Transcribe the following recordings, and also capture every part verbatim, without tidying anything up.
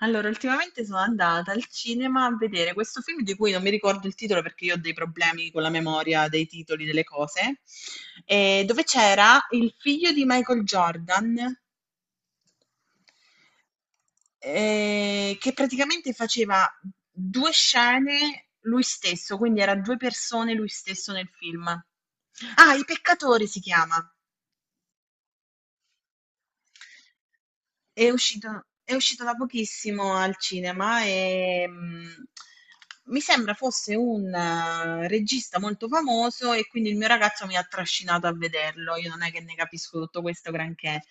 Allora, ultimamente sono andata al cinema a vedere questo film di cui non mi ricordo il titolo perché io ho dei problemi con la memoria dei titoli delle cose, eh, dove c'era il figlio di Michael Jordan, eh, che praticamente faceva due scene lui stesso, quindi era due persone lui stesso nel film. Ah, I Peccatori si chiama. È uscito, è uscito da pochissimo al cinema e mh, mi sembra fosse un eh, regista molto famoso e quindi il mio ragazzo mi ha trascinato a vederlo. Io non è che ne capisco tutto questo granché,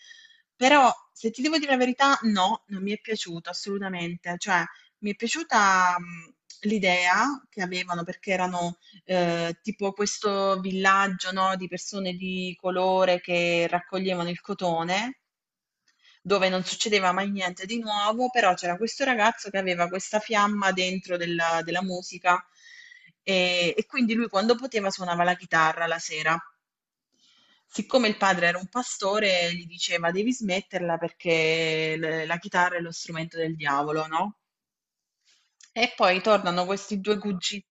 però se ti devo dire la verità, no, non mi è piaciuto assolutamente. Cioè, mi è piaciuta mh, l'idea che avevano perché erano eh, tipo questo villaggio, no, di persone di colore che raccoglievano il cotone dove non succedeva mai niente di nuovo, però c'era questo ragazzo che aveva questa fiamma dentro della, della musica e, e quindi lui quando poteva suonava la chitarra la sera. Siccome il padre era un pastore, gli diceva devi smetterla perché l- la chitarra è lo strumento del diavolo, no? E poi tornano questi due cugi-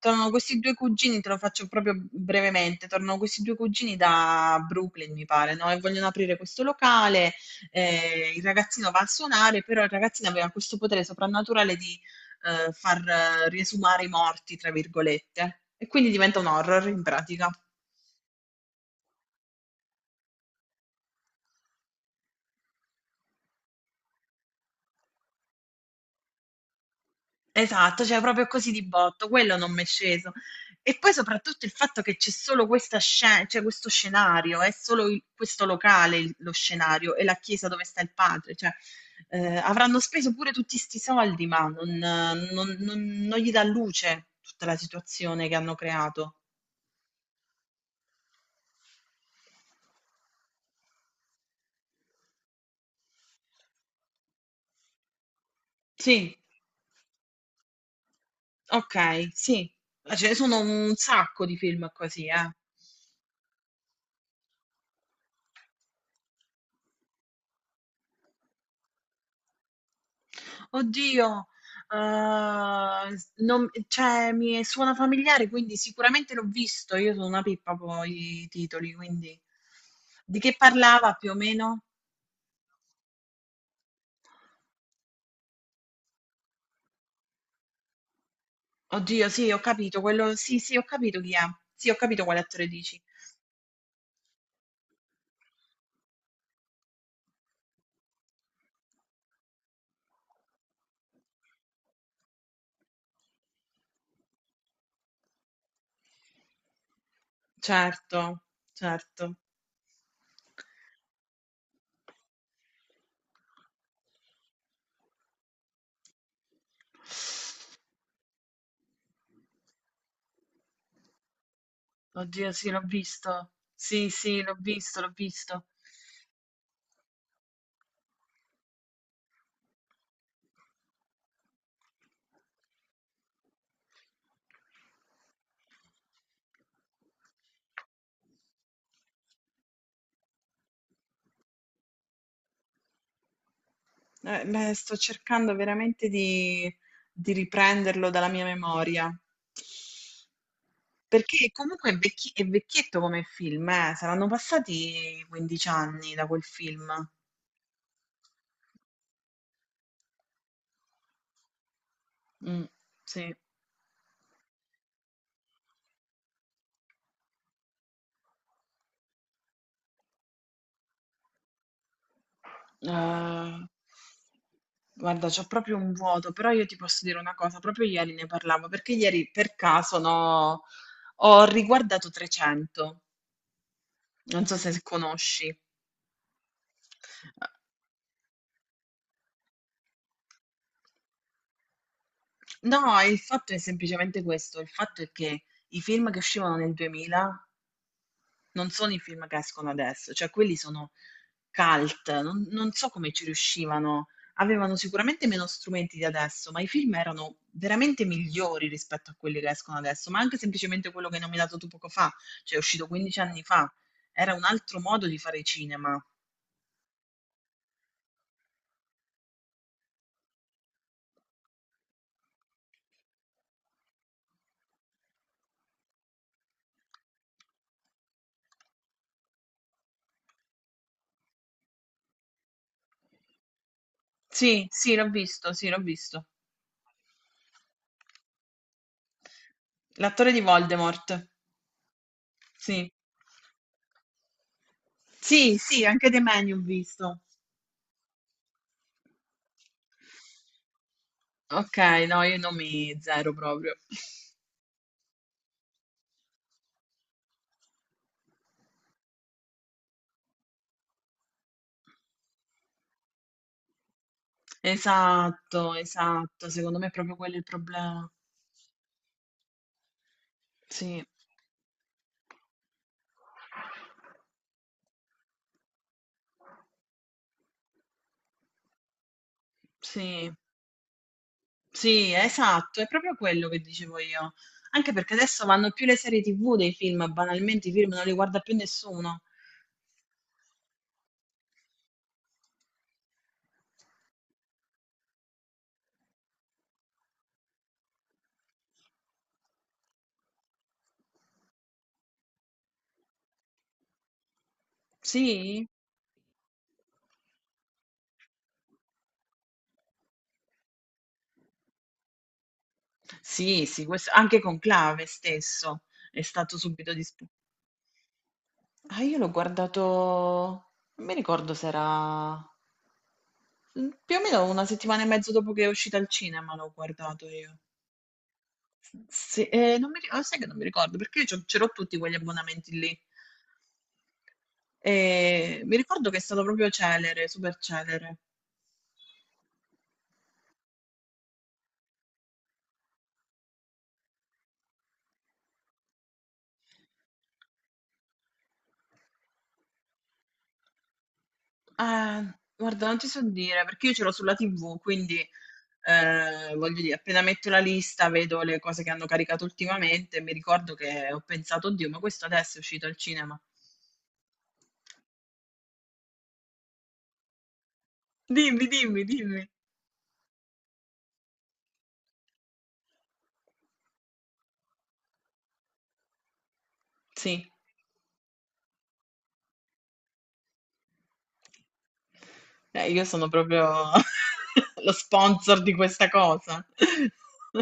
tornano questi due cugini, te lo faccio proprio brevemente, tornano questi due cugini da Brooklyn, mi pare, no? E vogliono aprire questo locale, eh, il ragazzino va a suonare, però il ragazzino aveva questo potere soprannaturale di eh, far eh, riesumare i morti, tra virgolette, e quindi diventa un horror in pratica. Esatto, cioè proprio così di botto, quello non m'è sceso. E poi soprattutto il fatto che c'è solo questa scena, cioè questo scenario, è solo il- questo locale il- lo scenario e la chiesa dove sta il padre, cioè eh, avranno speso pure tutti sti soldi, ma non, non- non- non gli dà luce tutta la situazione che hanno creato. Sì, ok, sì, ma ce ne sono un sacco di film così, eh. Oddio, ehm, s non cioè, mi suona familiare, quindi sicuramente l'ho visto. Io sono una pippa poi i titoli, quindi di che parlava più o meno? Oddio, sì, ho capito quello, sì, sì, ho capito chi è. Sì, ho capito quale attore dici. Certo, certo. Oddio, sì, l'ho visto. Sì, sì, l'ho visto, l'ho visto. Eh, beh, sto cercando veramente di, di riprenderlo dalla mia memoria. Perché comunque è vecchi- è vecchietto come film, eh, saranno passati quindici anni da quel film. Mm, sì. Eh, guarda, c'ho proprio un vuoto, però io ti posso dire una cosa, proprio ieri ne parlavo, perché ieri per caso, no, ho riguardato trecento, non so se conosci. No, il fatto è semplicemente questo, il fatto è che i film che uscivano nel duemila non sono i film che escono adesso, cioè quelli sono cult, non, non so come ci riuscivano. Avevano sicuramente meno strumenti di adesso, ma i film erano veramente migliori rispetto a quelli che escono adesso, ma anche semplicemente quello che hai nominato tu poco fa, cioè è uscito quindici anni fa. Era un altro modo di fare cinema. Sì, sì, l'ho visto, sì, l'ho visto. L'attore di Voldemort. Sì. Sì, sì, anche The Menu ho visto. Ok, no, io non mi zero proprio. Esatto, esatto, secondo me è proprio quello il problema. Sì, sì, sì, esatto, è proprio quello che dicevo io. Anche perché adesso vanno più le serie T V dei film, banalmente i film non li guarda più nessuno. Sì? Sì, sì, questo, anche Conclave stesso è stato subito disponibile. Ah, io l'ho guardato, non mi ricordo se era mm, più o meno una settimana e mezzo dopo che è uscita al cinema, l'ho guardato io. S sì, ehm, non mi ri ah, sai che non mi ricordo, perché io c'ho ce l'ho tutti quegli abbonamenti lì. Ehm, mi ricordo che è stato proprio celere, super celere. Eh, guarda, non ti so dire, perché io ce l'ho sulla tivù, quindi, ehm, voglio dire, appena metto la lista, vedo le cose che hanno caricato ultimamente e mi ricordo che ho pensato: "Oddio, ma questo adesso è uscito al cinema". Dimmi, dimmi, dimmi. Sì. Eh, io sono proprio lo sponsor di questa cosa.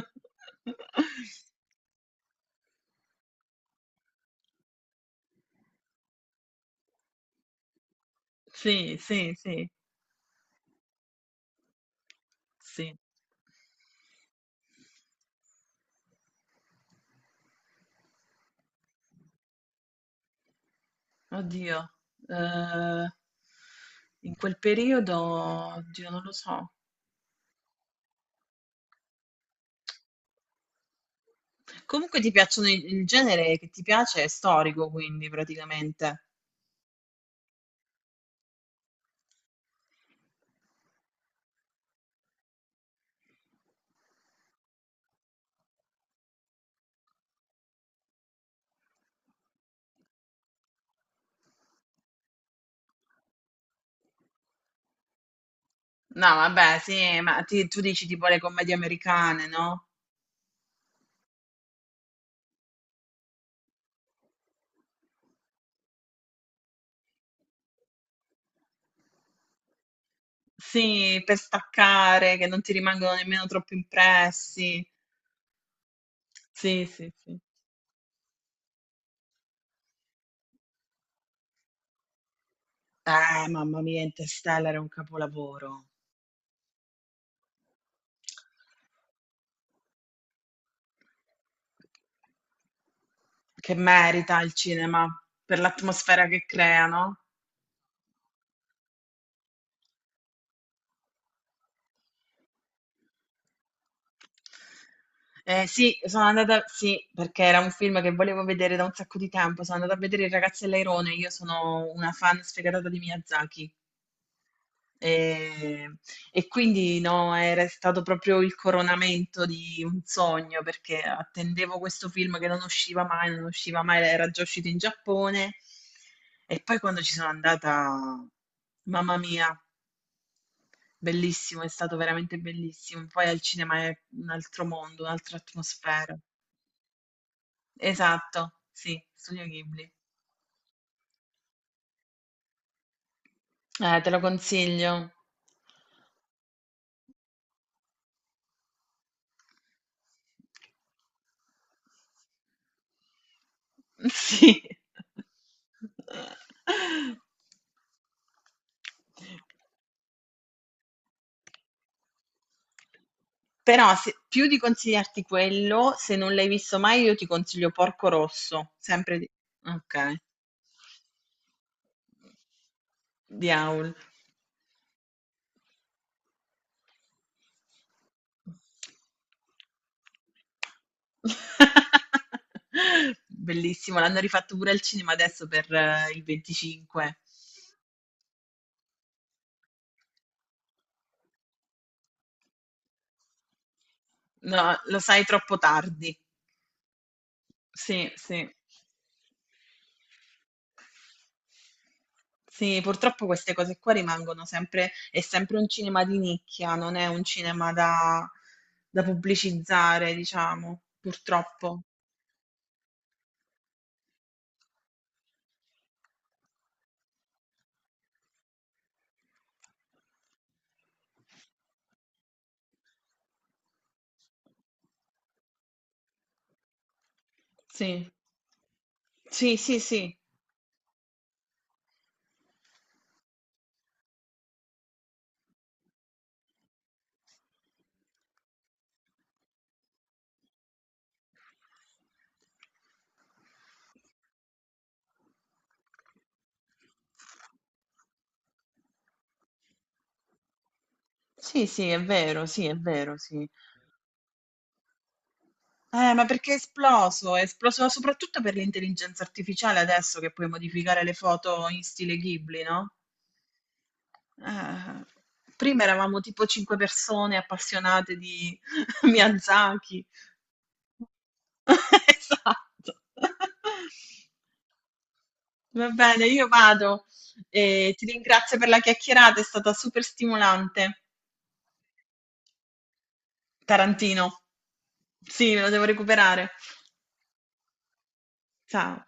Sì, sì, sì, sì. Oddio. Eh, in quel periodo, oddio, non lo so. Comunque ti piacciono i- il genere che ti piace è storico, quindi praticamente. No, vabbè, sì, ma ti- tu dici tipo le commedie americane, no? Sì, per staccare, che non ti rimangono nemmeno troppo impressi. Sì, sì, sì. Eh, mamma mia, Interstellar è un capolavoro. Che merita il cinema per l'atmosfera che crea, no? Eh, sì, sono andata, sì, perché era un film che volevo vedere da un sacco di tempo. Sono andata a vedere Il ragazzo e l'airone. Io sono una fan sfegatata di Miyazaki. E, e quindi no, era stato proprio il coronamento di un sogno perché attendevo questo film che non usciva mai, non usciva mai, era già uscito in Giappone. E poi quando ci sono andata, mamma mia, bellissimo, è stato veramente bellissimo. Poi al cinema è un altro mondo, un'altra atmosfera. Esatto, sì, Studio Ghibli. Eh, te lo consiglio. Sì. Però se- più di consigliarti quello, se non l'hai visto mai, io ti consiglio Porco Rosso, sempre di... Ok, di Howl. Bellissimo, l'hanno rifatto pure al cinema adesso per eh, il venticinque. No, lo sai troppo tardi. Sì, sì. Sì, purtroppo queste cose qua rimangono sempre, è sempre un cinema di nicchia, non è un cinema da, da pubblicizzare, diciamo, purtroppo. Sì. Sì, sì, sì. Sì, sì, è vero, sì, è vero, sì. Eh, ma perché è esploso? È esploso soprattutto per l'intelligenza artificiale adesso che puoi modificare le foto in stile Ghibli, no? Eh, prima eravamo tipo cinque persone appassionate di Miyazaki. Esatto. Va bene, io vado. Eh, ti ringrazio per la chiacchierata, è stata super stimolante. Tarantino. Sì, me lo devo recuperare. Ciao.